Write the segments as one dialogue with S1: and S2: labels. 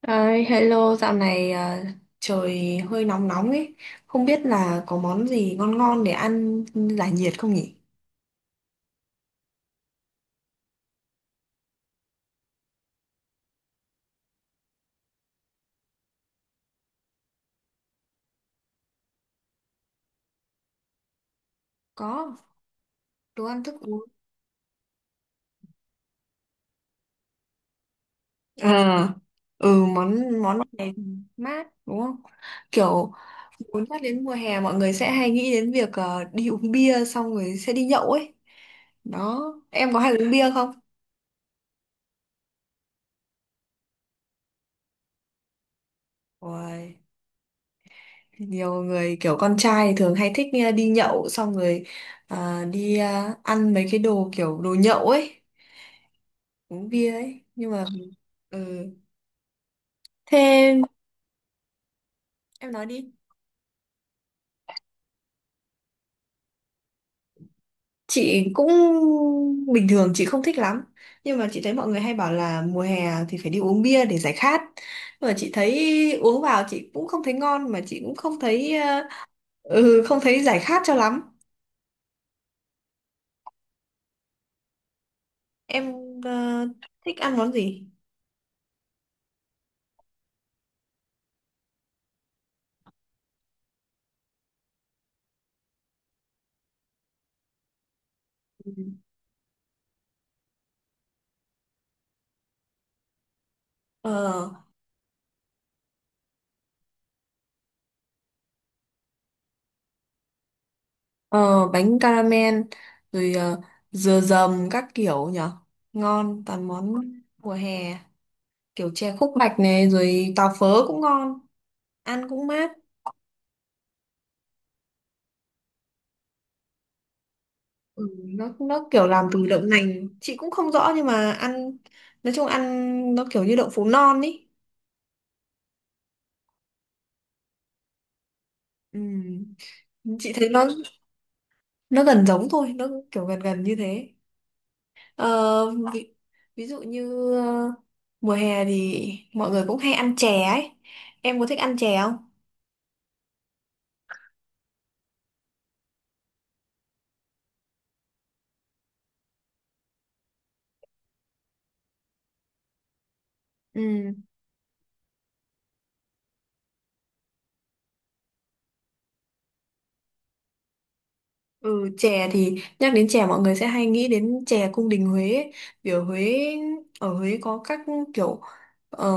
S1: Ơi, hello, dạo này à, trời hơi nóng nóng ấy. Không biết là có món gì ngon ngon để ăn giải nhiệt không nhỉ? Có, đồ ăn thức uống. À, ừ, món món này mát đúng không? Kiểu muốn nhắc đến mùa hè mọi người sẽ hay nghĩ đến việc đi uống bia xong rồi sẽ đi nhậu ấy. Đó, em có hay uống bia không? Ôi. Nhiều người kiểu con trai thường hay thích đi nhậu xong rồi đi ăn mấy cái đồ kiểu đồ nhậu ấy, uống bia ấy, nhưng mà ừ. Thế em nói đi. Chị cũng bình thường chị không thích lắm, nhưng mà chị thấy mọi người hay bảo là mùa hè thì phải đi uống bia để giải khát, nhưng mà chị thấy uống vào chị cũng không thấy ngon, mà chị cũng không thấy không thấy giải khát cho lắm. Em ờ, thích ăn món gì ờ Ờ, Bánh caramel, rồi dừa dầm các kiểu nhở, ngon toàn món mùa hè, kiểu chè khúc bạch này rồi tàu phớ cũng ngon, ăn cũng mát. Nó kiểu làm từ đậu nành, chị cũng không rõ, nhưng mà ăn nói chung ăn nó kiểu như đậu phụ non ý. Ừ. Chị thấy nó gần giống thôi, nó kiểu gần gần như thế. Ờ, ví, ví dụ như mùa hè thì mọi người cũng hay ăn chè ấy, em có thích ăn chè không? Ừ. Ừ, chè thì nhắc đến chè mọi người sẽ hay nghĩ đến chè cung đình Huế ấy. Vì ở Huế, có các kiểu ờ,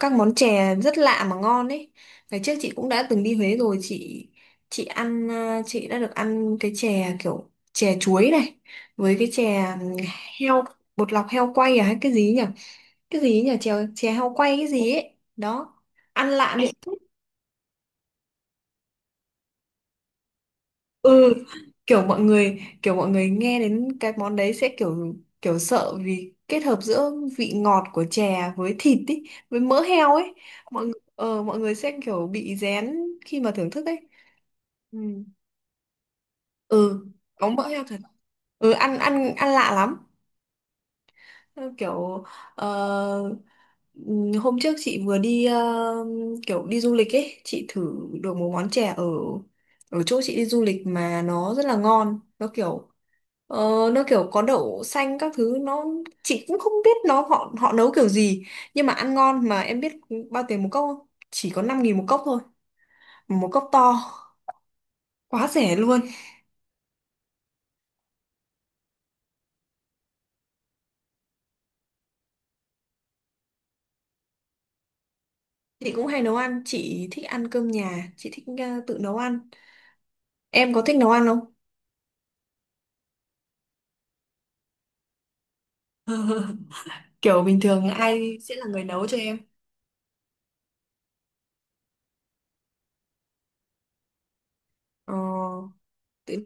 S1: các món chè rất lạ mà ngon ấy. Ngày trước chị cũng đã từng đi Huế rồi, chị ăn, chị đã được ăn cái chè kiểu chè chuối này, với cái chè heo bột lọc, heo quay à hay cái gì nhỉ? Cái gì nhỉ? Chè chè heo quay cái gì ấy. Đó. Ăn lạ miệng. ừ kiểu mọi người nghe đến cái món đấy sẽ kiểu kiểu sợ, vì kết hợp giữa vị ngọt của chè với thịt ý, với mỡ heo ấy, mọi người sẽ kiểu bị rén khi mà thưởng thức ấy. Ừ, ừ. Có mỡ heo thật. Ăn ăn ăn lạ lắm, kiểu ờ, hôm trước chị vừa đi, kiểu đi du lịch ấy, chị thử được một món chè ở ở chỗ chị đi du lịch mà nó rất là ngon, nó kiểu ờ, nó kiểu có đậu xanh các thứ, nó chị cũng không biết nó họ họ nấu kiểu gì nhưng mà ăn ngon. Mà em biết bao tiền một cốc không, chỉ có 5.000 một cốc thôi, một cốc to, quá rẻ luôn. Chị cũng hay nấu ăn, chị thích ăn cơm nhà, chị thích tự nấu ăn. Em có thích nấu ăn không? Kiểu bình thường ai sẽ là người nấu cho em? Ờ, Tự nhiên-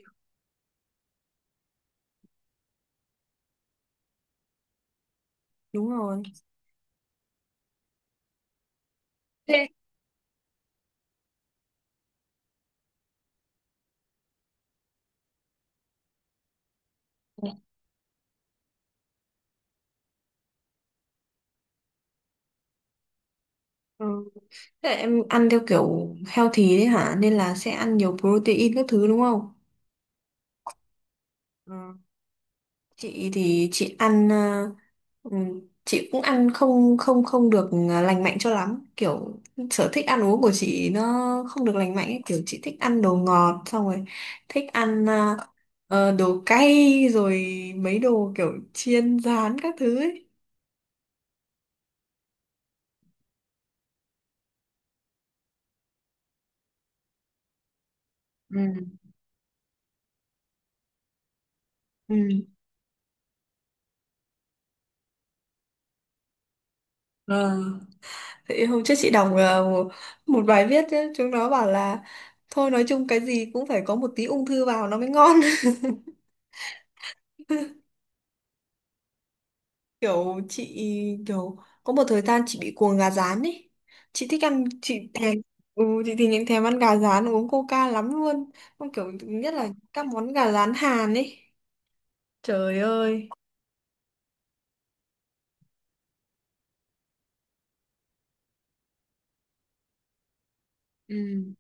S1: Đúng rồi. Thế Ừ. Thế là em ăn theo kiểu healthy đấy hả? Nên là sẽ ăn nhiều protein các thứ đúng không? Ừ. Chị thì chị ăn ờ, chị cũng ăn không không không được lành mạnh cho lắm. Kiểu sở thích ăn uống của chị nó không được lành mạnh ấy. Kiểu chị thích ăn đồ ngọt, xong rồi thích ăn đồ cay, rồi mấy đồ kiểu chiên rán các thứ ấy. Ừ. Ờ. Thì hôm trước chị đọc, bài viết ấy, chúng nó bảo là thôi nói chung cái gì cũng phải có một tí ung thư vào nó mới ngon. kiểu chị kiểu có một thời gian chị bị cuồng gà rán ấy, chị thích ăn, chị thèm, chị thì những thèm ăn gà rán uống coca lắm luôn, không kiểu nhất là các món gà rán Hàn ấy, trời ơi. Ừ.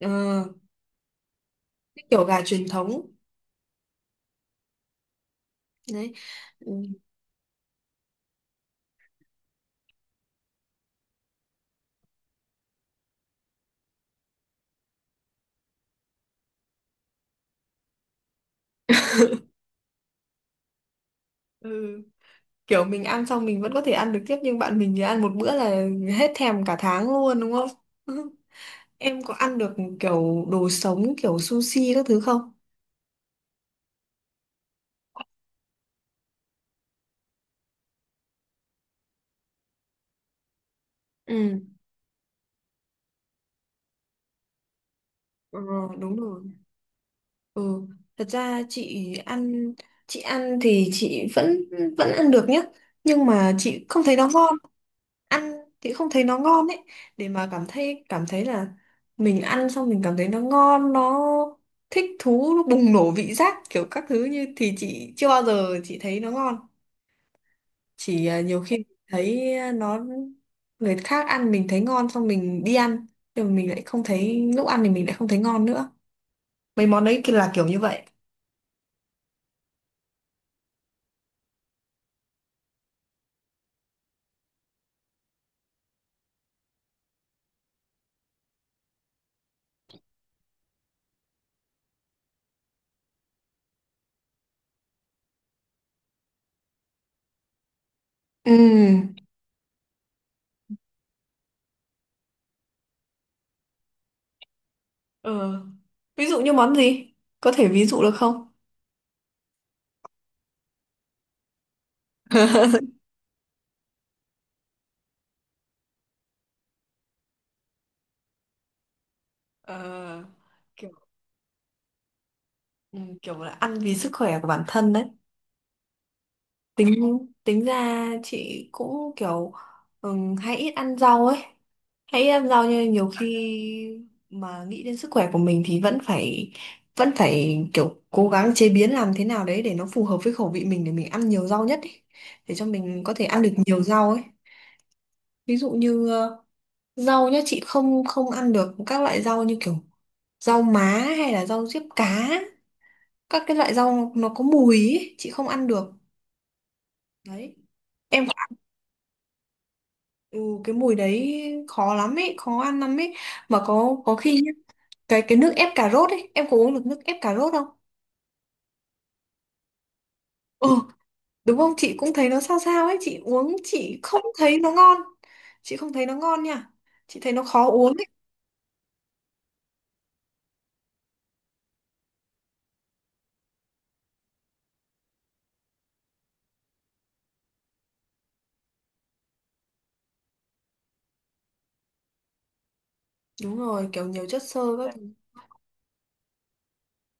S1: ờ, cái kiểu gà truyền thống đấy. Ừ. Ừ. Kiểu mình ăn xong mình vẫn có thể ăn được tiếp, nhưng bạn mình thì ăn một bữa là hết thèm cả tháng luôn đúng không? Em có ăn được kiểu đồ sống, kiểu sushi các thứ không? Ừ. Ờ Đúng rồi. Ừ, thật ra chị ăn thì chị vẫn vẫn ăn được nhá, nhưng mà chị không thấy nó ngon. Ăn thì không thấy nó ngon ấy. Để mà cảm thấy là mình ăn xong mình cảm thấy nó ngon, nó thích thú, nó bùng nổ vị giác kiểu các thứ như thì chị chưa bao giờ chị thấy nó ngon, chỉ nhiều khi thấy nó, người khác ăn mình thấy ngon, xong mình đi ăn nhưng mà mình lại không thấy, lúc ăn thì mình lại không thấy ngon nữa. Mấy món đấy kia là kiểu như vậy. Ừ. ờ Ví dụ như món gì, có thể ví dụ được không? Ờ, kiểu ừ, kiểu là ăn vì sức khỏe của bản thân đấy. Tính tính ra chị cũng kiểu hay ít ăn rau ấy, hay ít ăn rau nhưng nhiều khi mà nghĩ đến sức khỏe của mình thì vẫn phải kiểu cố gắng chế biến làm thế nào đấy để nó phù hợp với khẩu vị mình, để mình ăn nhiều rau nhất ấy. Để cho mình có thể ăn được nhiều rau ấy. Ví dụ như rau nhá, chị không không ăn được các loại rau như kiểu rau má, hay là rau diếp cá, các cái loại rau nó có mùi ấy, chị không ăn được đấy em. Ừ, cái mùi đấy khó lắm ấy, khó ăn lắm ấy. Mà có khi nhá, cái nước ép cà rốt ấy, em có uống được nước ép cà rốt không? Ừ, đúng không? Chị cũng thấy nó sao sao ấy, chị uống chị không thấy nó ngon. Chị không thấy nó ngon nha. Chị thấy nó khó uống ấy. Đúng rồi, kiểu nhiều chất xơ các thứ.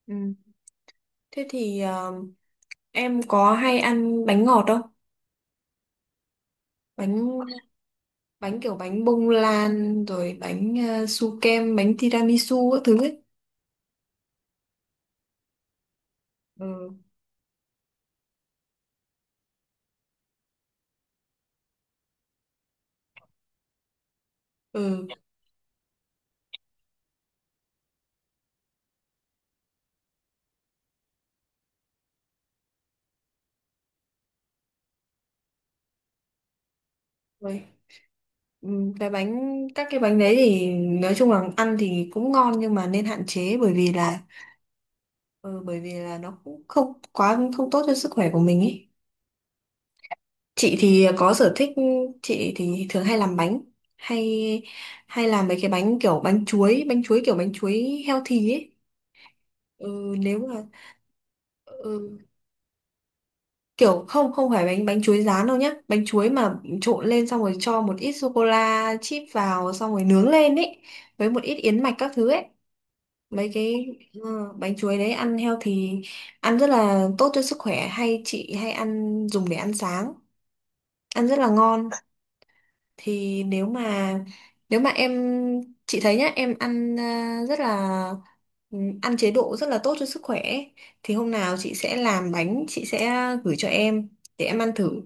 S1: Ừ. Thế thì em có hay ăn bánh ngọt không? Bánh bánh kiểu bánh bông lan, rồi bánh su kem, bánh tiramisu các thứ ấy. Ừ. Ừ. Ui, ừ, cái bánh, cái bánh đấy thì nói chung là ăn thì cũng ngon, nhưng mà nên hạn chế, bởi vì là nó cũng không quá không tốt cho sức khỏe của mình ấy. Chị thì có sở thích, chị thì thường hay làm bánh, hay hay làm mấy cái bánh kiểu bánh chuối, kiểu bánh chuối healthy ấy. Ừ, nếu mà ừ, kiểu không không phải bánh bánh chuối rán đâu nhá, bánh chuối mà trộn lên xong rồi cho một ít sô cô la chip vào xong rồi nướng lên ấy, với một ít yến mạch các thứ ấy, mấy cái bánh chuối đấy ăn healthy, ăn rất là tốt cho sức khỏe, chị hay ăn dùng để ăn sáng, ăn rất là ngon. Thì nếu mà em chị thấy nhá, em ăn rất là, ăn chế độ rất là tốt cho sức khỏe ấy. Thì hôm nào chị sẽ làm bánh, chị sẽ gửi cho em để em ăn thử.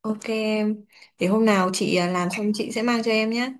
S1: Ok em. Để hôm nào chị làm xong chị sẽ mang cho em nhé.